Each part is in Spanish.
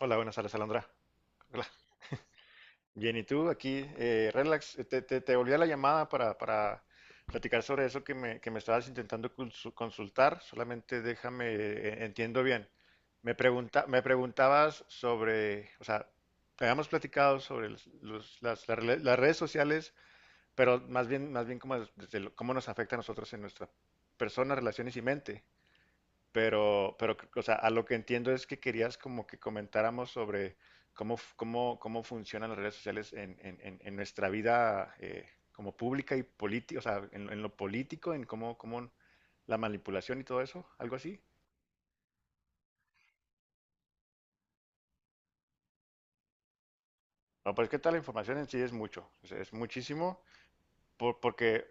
Hola, buenas tardes, Alondra. Hola. Bien, ¿y tú? Aquí, relax, te volví a la llamada para platicar sobre eso que me estabas intentando consultar. Solamente déjame, entiendo bien. Me preguntabas sobre, o sea, habíamos platicado sobre las las redes sociales, pero más bien como desde cómo nos afecta a nosotros en nuestra persona, relaciones y mente. Pero, o sea, a lo que entiendo es que querías como que comentáramos sobre cómo funcionan las redes sociales en, en nuestra vida como pública y política, o sea, en lo político, cómo la manipulación y todo eso, algo así. No, pues que tal, la información en sí es mucho, o sea, es muchísimo, porque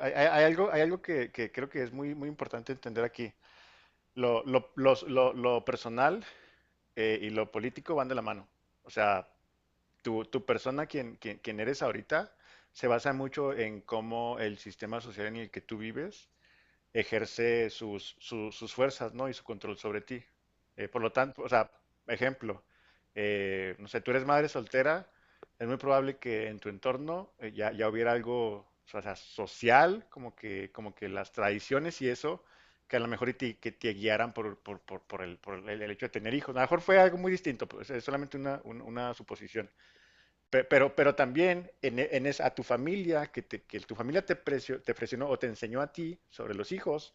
hay algo que creo que es muy, muy importante entender aquí. Lo personal y lo político van de la mano. O sea, tu persona, quien eres ahorita, se basa mucho en cómo el sistema social en el que tú vives ejerce sus fuerzas, ¿no? Y su control sobre ti. Por lo tanto, o sea, ejemplo, no sé, tú eres madre soltera, es muy probable que en tu entorno ya hubiera algo, o sea, social, como que las tradiciones y eso, que a lo mejor y te, que te guiaran el hecho de tener hijos. A lo mejor fue algo muy distinto, pues, es solamente una suposición. Pero también en, en a tu familia, que, que tu familia te, te presionó o te enseñó a ti sobre los hijos,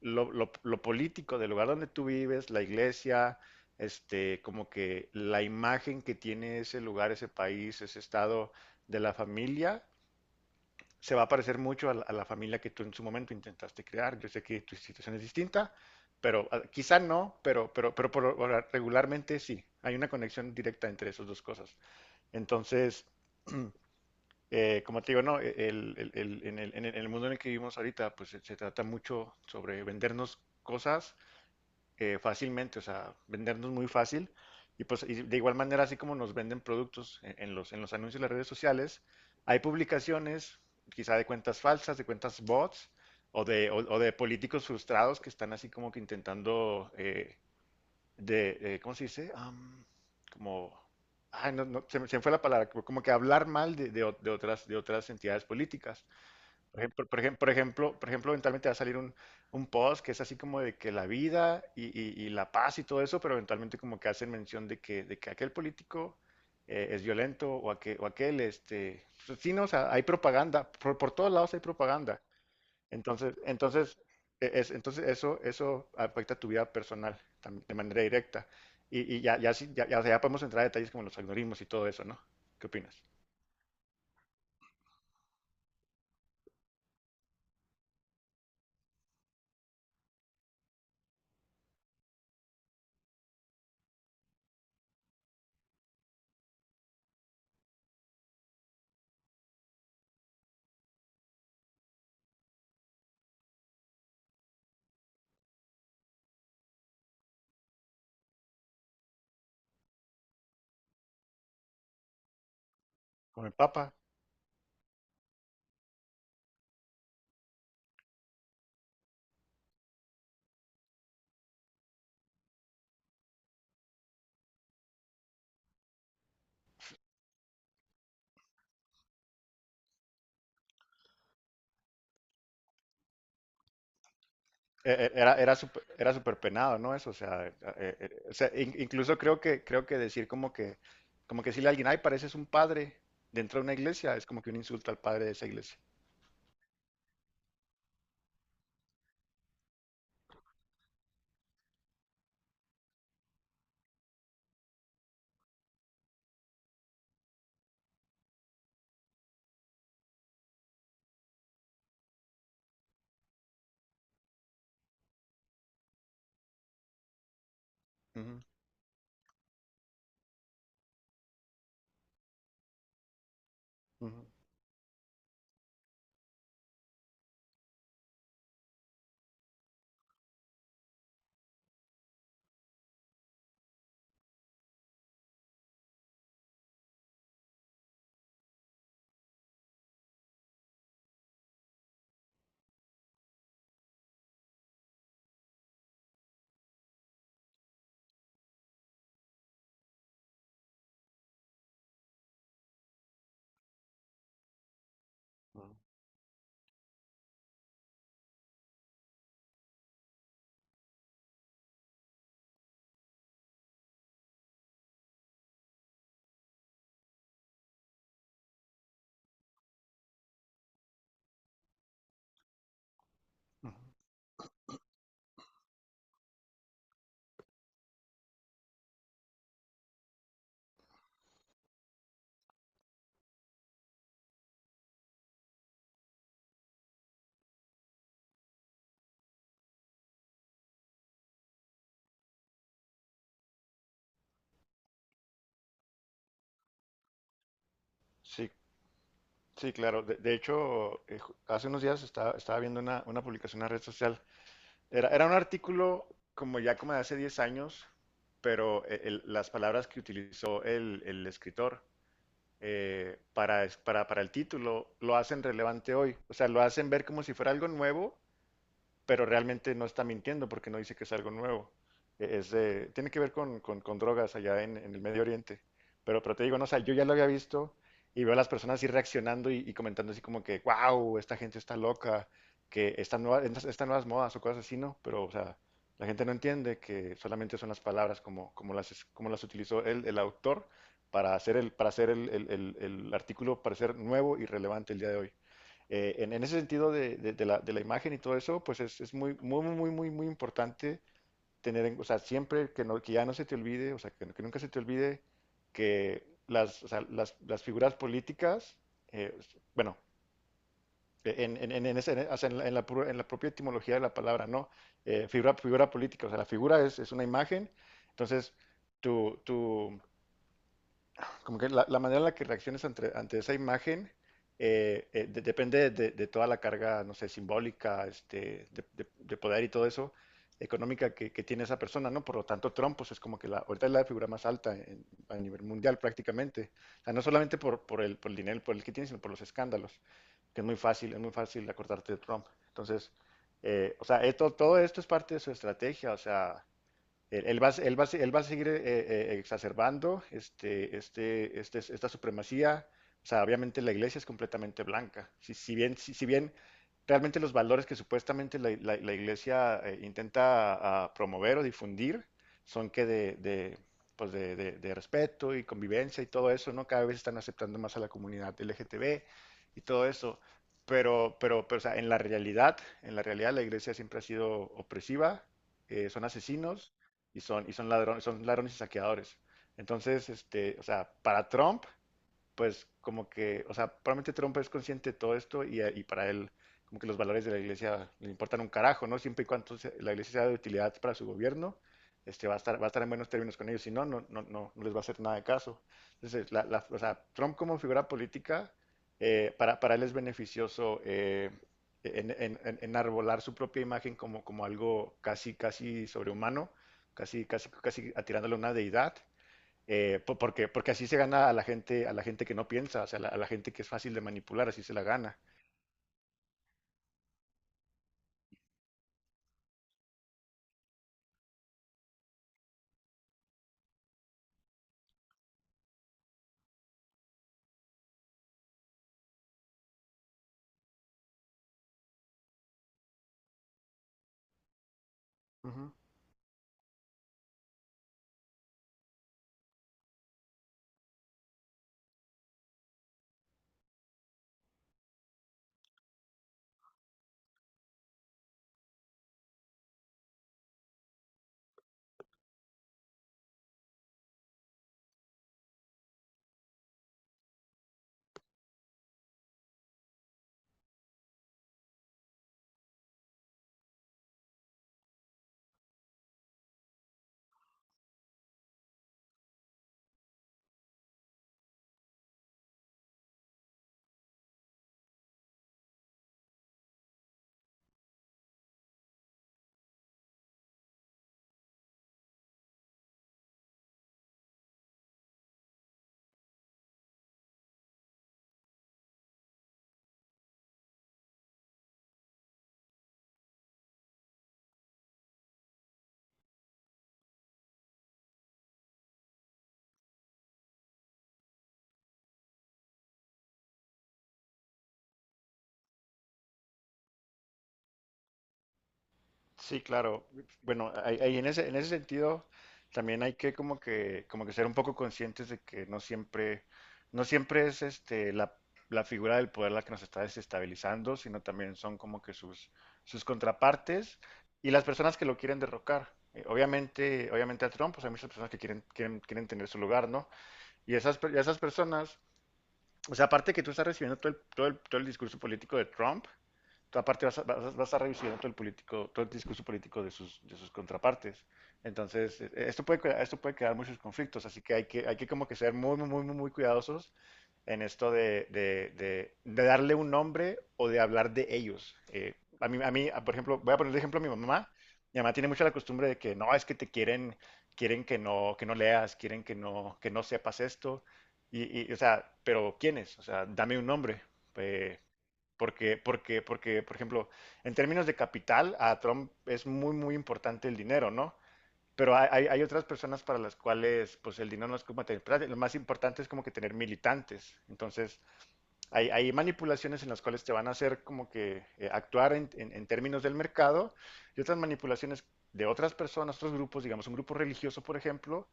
lo político del lugar donde tú vives, la iglesia, este, como que la imagen que tiene ese lugar, ese país, ese estado de la familia, se va a parecer mucho a la familia que tú en su momento intentaste crear. Yo sé que tu situación es distinta, pero ah, quizá no, pero regularmente sí. Hay una conexión directa entre esas dos cosas. Entonces… Como te digo, no, en el mundo en el que vivimos ahorita, pues se trata mucho sobre vendernos cosas fácilmente, o sea, vendernos muy fácil. Y pues y de igual manera, así como nos venden productos en, en los anuncios de las redes sociales, hay publicaciones, quizá de cuentas falsas, de cuentas bots, o de políticos frustrados que están así como que intentando ¿cómo se dice? Como, ay, no, no, se me fue la palabra, como como que hablar mal de de otras entidades políticas. Por ejemplo, por ejem- por ejemplo, eventualmente va a salir un post que es así como de que la vida y la paz y todo eso, pero eventualmente como que hacen mención de que aquel político es violento o aquel, este, pues sí, no, o sea, hay propaganda, por todos lados hay propaganda. Entonces, entonces, entonces eso, eso afecta tu vida personal de manera directa. Ya, o sea, ya podemos entrar a detalles como los algoritmos y todo eso, ¿no? ¿Qué opinas? Con el Papa, era súper, era súper penado, ¿no? Eso, o sea, incluso creo que decir como que decirle a alguien, ay, pareces un padre dentro de una iglesia, es como que un insulto al padre de esa iglesia. Ujú, ujú, ujú, ujú. Sí, sí, claro. De hecho, hace unos días estaba, estaba viendo una publicación en la red social. Era, era un artículo como ya como de hace 10 años, pero las palabras que utilizó el escritor para el título lo hacen relevante hoy. O sea, lo hacen ver como si fuera algo nuevo, pero realmente no está mintiendo porque no dice que es algo nuevo. Tiene que ver con, con drogas allá en el Medio Oriente. Pero te digo, no, o sea, yo ya lo había visto y veo a las personas así reaccionando y comentando así como que, wow, esta gente está loca, que estas nuevas, estas nuevas modas o cosas así, ¿no? Pero, o sea, la gente no entiende que solamente son las palabras como, como las, como las utilizó el autor para hacer el, para hacer el artículo parecer nuevo y relevante el día de hoy. En ese sentido de, de la imagen y todo eso, pues es muy importante tener, o sea, siempre que, no, que ya no se te olvide, o sea, que nunca se te olvide que las, o sea, las figuras políticas, eh, bueno, en, en o sea, en la, en la en la propia etimología de la palabra, ¿no? Figura, figura política, o sea, la figura es una imagen, entonces tu, como que la manera en la que reacciones ante, ante esa imagen depende de toda la carga, no sé, simbólica, este, de poder y todo eso, económica que tiene esa persona, ¿no? Por lo tanto, Trump, pues es como que la, ahorita es la figura más alta a nivel mundial prácticamente. O sea, no solamente por el dinero, por el que tiene, sino por los escándalos, que es muy fácil acordarte de Trump. Entonces, o sea, esto, todo esto es parte de su estrategia, o sea, él va a seguir exacerbando esta supremacía. O sea, obviamente la iglesia es completamente blanca. Si bien, si bien realmente los valores que supuestamente la iglesia intenta promover o difundir son de, pues de respeto y convivencia y todo eso, ¿no? Cada vez están aceptando más a la comunidad LGTB y todo eso. Pero, o sea, en la realidad la iglesia siempre ha sido opresiva, son asesinos y son ladrones y saqueadores. Entonces, este, o sea, para Trump, pues como que, o sea, probablemente Trump es consciente de todo esto y para él como que los valores de la iglesia le importan un carajo, ¿no? Siempre y cuando la iglesia sea de utilidad para su gobierno, este, va a estar en buenos términos con ellos, si no, no les va a hacer nada de caso. Entonces, o sea, Trump como figura política, para él es beneficioso enarbolar su propia imagen como, como algo casi sobrehumano, casi atirándole a una deidad porque, porque así se gana a la gente que no piensa, o sea, a la gente que es fácil de manipular, así se la gana. Ujú. Sí, claro. Bueno, ahí en ese sentido también hay que como que, como que ser un poco conscientes de que no siempre, no siempre es este la, la figura del poder la que nos está desestabilizando, sino también son como que sus, sus contrapartes y las personas que lo quieren derrocar. Obviamente a Trump, pues hay muchas personas que quieren, quieren tener su lugar, ¿no? Y esas personas o sea, aparte de que tú estás recibiendo todo el, todo el discurso político de Trump, tú aparte vas a recibiendo todo el, político, todo el discurso político de sus contrapartes. Entonces, esto puede, esto puede crear muchos conflictos, así que hay que, hay que como que ser muy cuidadosos en esto de, de darle un nombre o de hablar de ellos. A mí, por ejemplo, voy a poner de ejemplo a mi mamá. Mi mamá tiene mucho la costumbre de que no, es que te quieren, quieren que no leas, quieren que no sepas esto. Y, o sea, pero ¿quiénes? O sea, dame un nombre. Eh, porque, por ejemplo, en términos de capital, a Trump es muy, muy importante el dinero, ¿no? Pero hay otras personas para las cuales pues el dinero no es como tener plata. Lo más importante es como que tener militantes. Entonces, hay manipulaciones en las cuales te van a hacer como que actuar en, en términos del mercado y otras manipulaciones de otras personas, otros grupos, digamos, un grupo religioso, por ejemplo,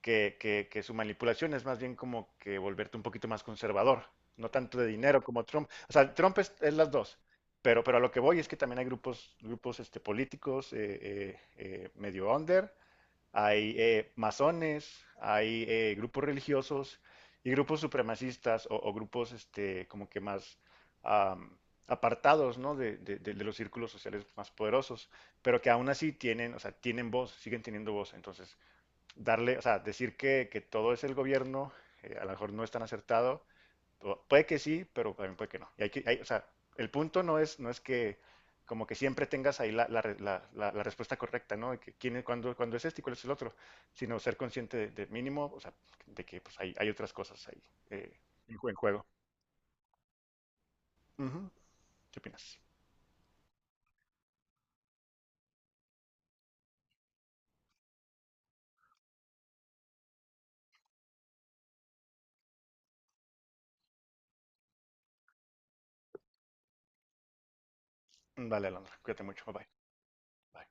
que, que su manipulación es más bien como que volverte un poquito más conservador, no tanto de dinero como Trump. O sea, Trump es las dos, pero a lo que voy es que también hay grupos, grupos este, políticos medio under, hay masones, hay grupos religiosos y grupos supremacistas o grupos este, como que más am, apartados, ¿no? de, de los círculos sociales más poderosos, pero que aún así tienen, o sea, tienen voz, siguen teniendo voz. Entonces, darle, o sea, decir que todo es el gobierno, a lo mejor no es tan acertado. Puede que sí, pero también puede que no. Y hay que, o sea, el punto no es, no es que como que siempre tengas ahí la, la respuesta correcta, ¿no? De que quién es, cuándo es este y cuál es el otro, sino ser consciente de mínimo, o sea, de que pues, hay otras cosas ahí eh, en juego, en juego. ¿Qué opinas? Vale, Alondra, cuídate mucho, bye bye. Bye.